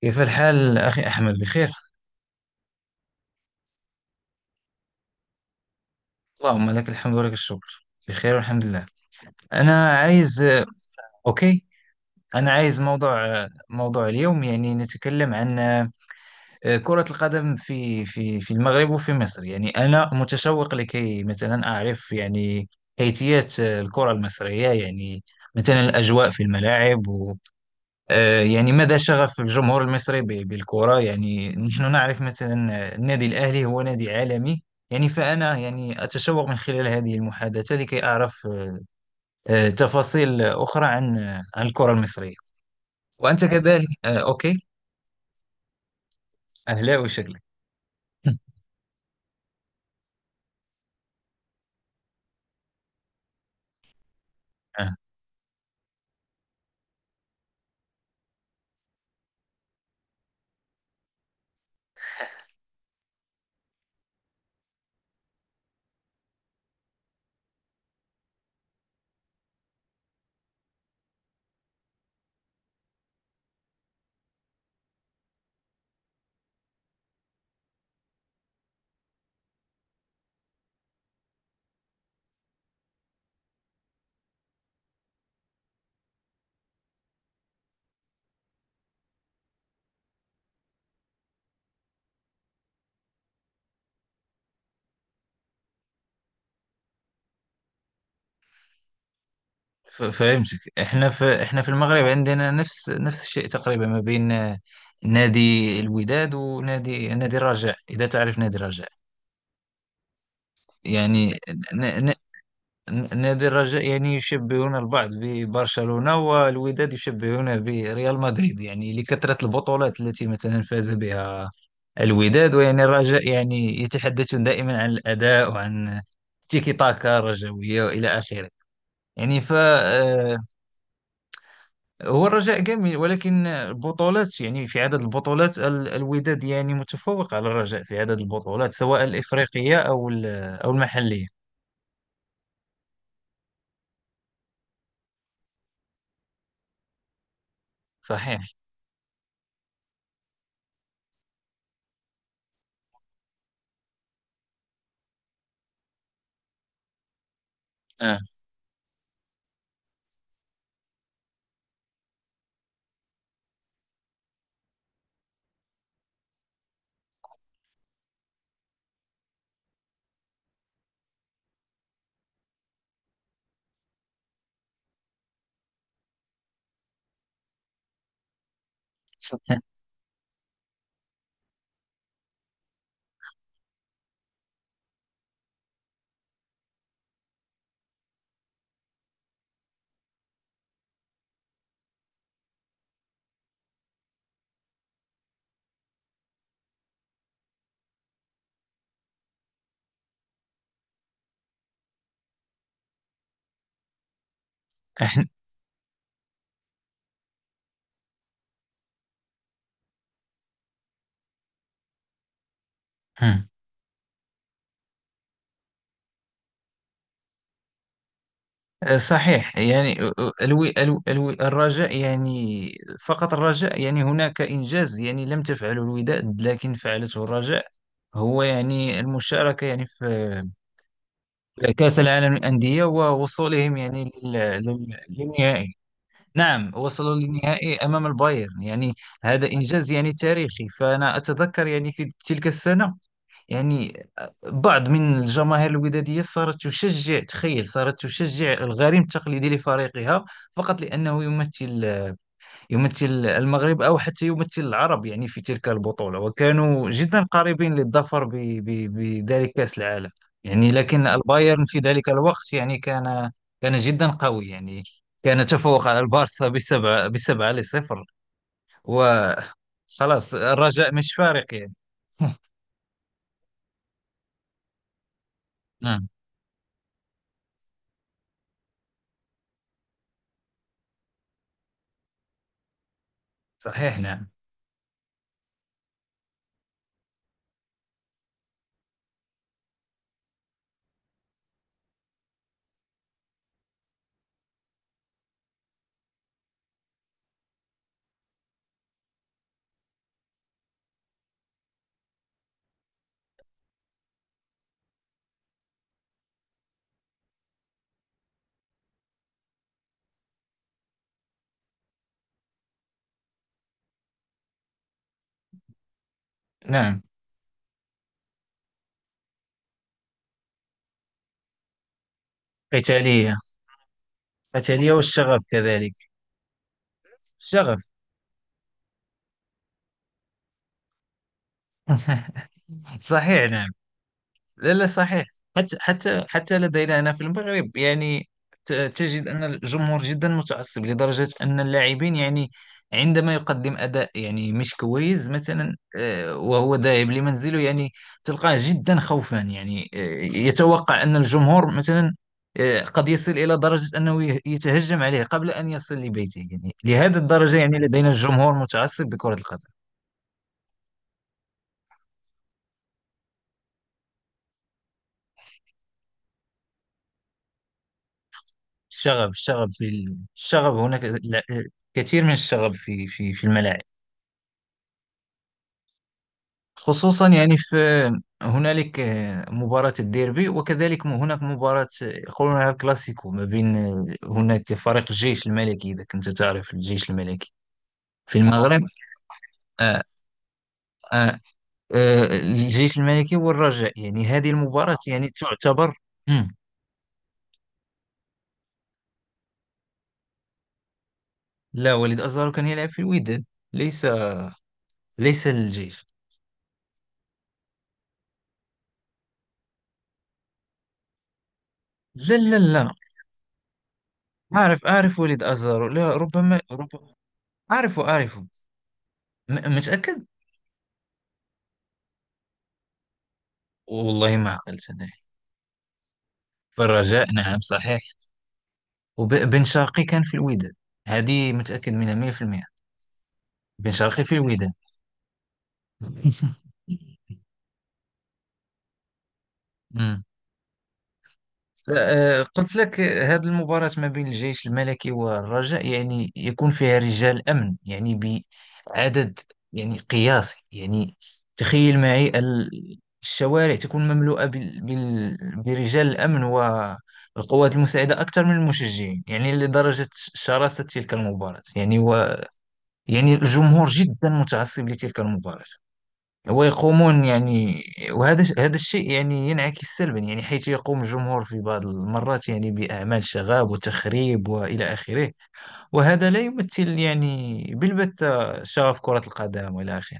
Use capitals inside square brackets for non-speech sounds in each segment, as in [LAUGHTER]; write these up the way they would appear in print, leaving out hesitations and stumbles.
كيف الحال أخي أحمد، بخير؟ اللهم لك الحمد ولك الشكر، بخير والحمد لله. أنا عايز أوكي أنا عايز موضوع اليوم، يعني نتكلم عن كرة القدم في المغرب وفي مصر. يعني أنا متشوق لكي مثلا أعرف، يعني كيفية الكرة المصرية، يعني مثلا الأجواء في الملاعب. يعني مدى شغف الجمهور المصري بالكرة، يعني نحن نعرف مثلا النادي الأهلي هو نادي عالمي. يعني فأنا يعني أتشوق من خلال هذه المحادثة لكي أعرف تفاصيل أخرى عن عن الكرة المصرية. وأنت كذلك. أوكي. أهلاوي شكلك. آه، فهمتك. إحنا في المغرب عندنا نفس الشيء تقريبا، ما بين نادي الوداد ونادي الرجاء، إذا تعرف نادي الرجاء. يعني نادي الرجاء يعني يشبهون البعض ببرشلونة، والوداد يشبهونه بريال مدريد، يعني لكثرة البطولات التي مثلا فاز بها الوداد. ويعني الرجاء يعني يتحدثون دائما عن الأداء وعن تيكي تاكا رجوية وإلى آخره. يعني ف آه، هو الرجاء جميل، ولكن البطولات، يعني في عدد البطولات الوداد يعني متفوق على الرجاء في عدد البطولات، سواء الإفريقية أو أو المحلية. صحيح. آه. [LAUGHS] إحنا- صحيح، يعني الو الو الو الرجاء يعني فقط الرجاء، يعني هناك إنجاز يعني لم تفعله الوداد لكن فعلته الرجاء. هو يعني المشاركة يعني في كأس العالم للأندية، ووصولهم يعني للنهائي. نعم، وصلوا للنهائي أمام البايرن، يعني هذا إنجاز يعني تاريخي. فأنا أتذكر يعني في تلك السنة، يعني بعض من الجماهير الودادية صارت تشجع، تخيل، صارت تشجع الغريم التقليدي لفريقها فقط لأنه يمثل، يمثل المغرب أو حتى يمثل العرب يعني في تلك البطولة، وكانوا جدا قريبين للظفر بذلك كأس العالم. يعني لكن البايرن في ذلك الوقت يعني كان، كان جدا قوي، يعني كان تفوق على البارسا بسبعة لصفر. وخلاص الرجاء مش فارق يعني. نعم، صحيح، نعم. نعم. قتالية. قتالية والشغف كذلك. الشغف. [LAUGHS] صحيح، نعم. لا، لا، صحيح. حتى لدينا هنا في المغرب، يعني تجد أن الجمهور جدا متعصب لدرجة أن اللاعبين، يعني عندما يقدم أداء يعني مش كويس مثلا، وهو ذاهب لمنزله، يعني تلقاه جدا خوفا، يعني يتوقع أن الجمهور مثلا قد يصل إلى درجة أنه يتهجم عليه قبل أن يصل لبيته، يعني لهذه الدرجة يعني لدينا الجمهور متعصب بكرة القدم. الشغب هناك. كثير من الشغب في الملاعب، خصوصا يعني في هنالك مباراة الديربي، وكذلك هناك مباراة يقولونها كلاسيكو، ما بين هناك فريق الجيش الملكي، إذا كنت تعرف الجيش الملكي في المغرب. آه آه الجيش الملكي والرجاء، يعني هذه المباراة يعني تعتبر. مم. لا، وليد أزارو كان يلعب في الوداد، ليس، ليس الجيش. لا، لا، لا. أعرف ولد أزهر. لا، ربما. أعرفه. متأكد. والله ما عقلت أنا. فالرجاء، نعم، صحيح. وبن شرقي كان في الوداد. هذه متأكد منها 100%. بن شرقي في الوداد. [LAUGHS] قلت لك هذه المباراة ما بين الجيش الملكي والرجاء يعني يكون فيها رجال أمن، يعني بعدد يعني قياسي، يعني تخيل معي الشوارع تكون مملوءة برجال الأمن والقوات المساعدة، أكثر من المشجعين، يعني لدرجة شراسة تلك المباراة، يعني و يعني الجمهور جدا متعصب لتلك المباراة ويقومون يعني. وهذا هذا الشيء يعني ينعكس سلبا، يعني حيث يقوم الجمهور في بعض المرات يعني بأعمال شغاب وتخريب وإلى آخره. وهذا لا يمثل يعني بالبتة شغف كرة القدم وإلى آخره.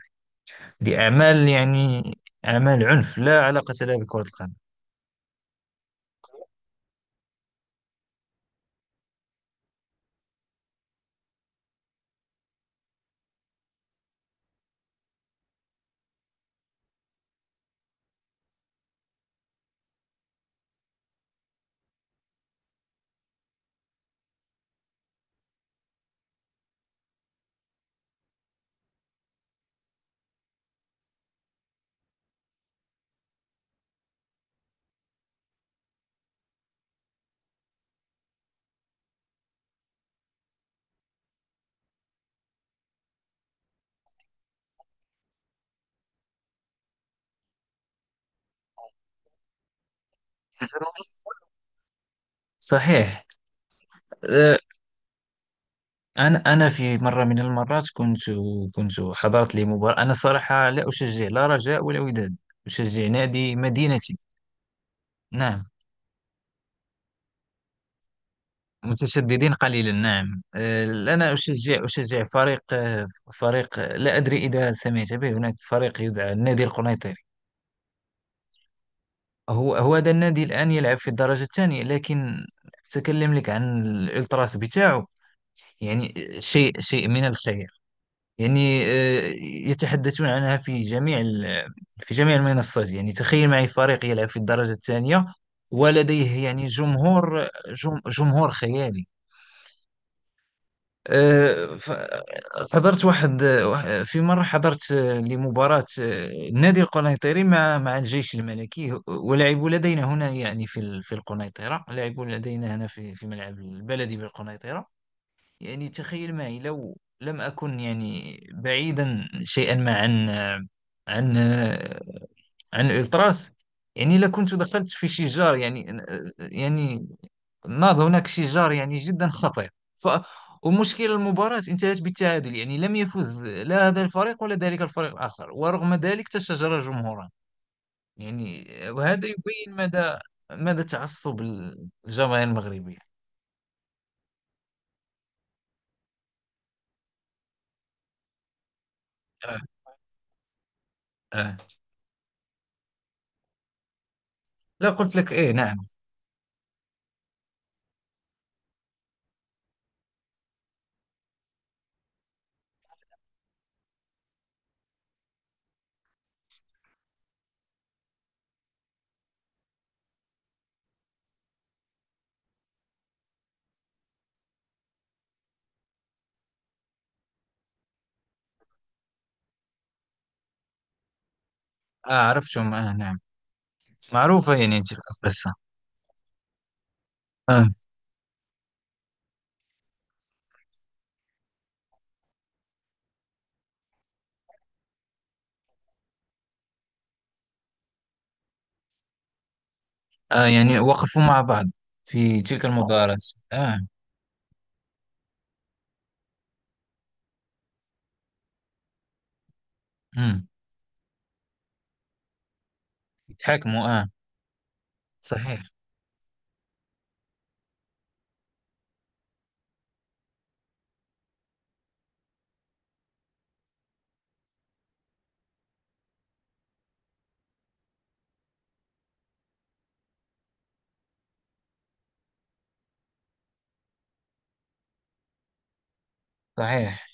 دي أعمال يعني أعمال عنف لا علاقة لها بكرة القدم. صحيح. أه، أنا، أنا في مرة من المرات كنت، كنت حضرت لمباراة. أنا صراحة لا أشجع لا رجاء ولا وداد، أشجع نادي مدينتي. نعم. متشددين قليلا، نعم. أنا أشجع، أشجع فريق، فريق، لا أدري إذا سمعت به، هناك فريق يدعى النادي القنيطري. هو هذا النادي الآن يلعب في الدرجة الثانية، لكن أتكلم لك عن الإلتراس بتاعه. يعني شيء، شيء من الخير، يعني يتحدثون عنها في جميع في جميع المنصات. يعني تخيل معي فريق يلعب في الدرجة الثانية ولديه يعني جمهور، جمهور خيالي. آه، ف- حضرت في مرة حضرت لمباراة النادي القنيطري مع الجيش الملكي، ولعبوا لدينا هنا، يعني في في القنيطرة، لعبوا لدينا هنا في ملعب البلدي بالقنيطرة. يعني تخيل معي لو لم أكن يعني بعيدا شيئا ما عن عن عن الألتراس، يعني لكنت دخلت في شجار، يعني، يعني ناض هناك شيء يعني جدا خطير. ف ومشكل، المباراة انتهت بالتعادل، يعني لم يفز لا هذا الفريق ولا ذلك الفريق الآخر، ورغم ذلك تشاجر جمهوران. يعني وهذا يبين مدى، مدى تعصب الجماهير المغربية. آه. آه. لا، قلت لك، ايه، نعم. آه، عرفتهم، آه، نعم. معروفة يعني تلك القصة. آه. آه، يعني وقفوا مع بعض في تلك المباراة. آه. مم. يتحاكموا، آه. صحيح. صحيح،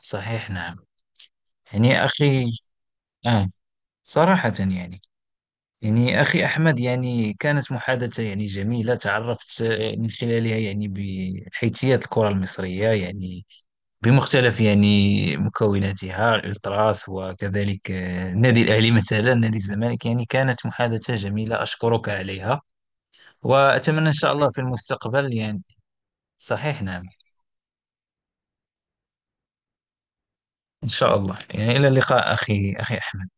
صحيح، نعم. يعني يا أخي، آه، صراحة يعني، يعني أخي أحمد يعني كانت محادثة يعني جميلة. تعرفت من خلالها يعني بحيثيات الكرة المصرية، يعني بمختلف يعني مكوناتها، الألتراس، وكذلك النادي الأهلي، مثلا نادي الزمالك. يعني كانت محادثة جميلة أشكرك عليها، وأتمنى إن شاء الله في المستقبل يعني. صحيح، نعم. إن شاء الله يعني. إلى اللقاء أخي، أخي أحمد.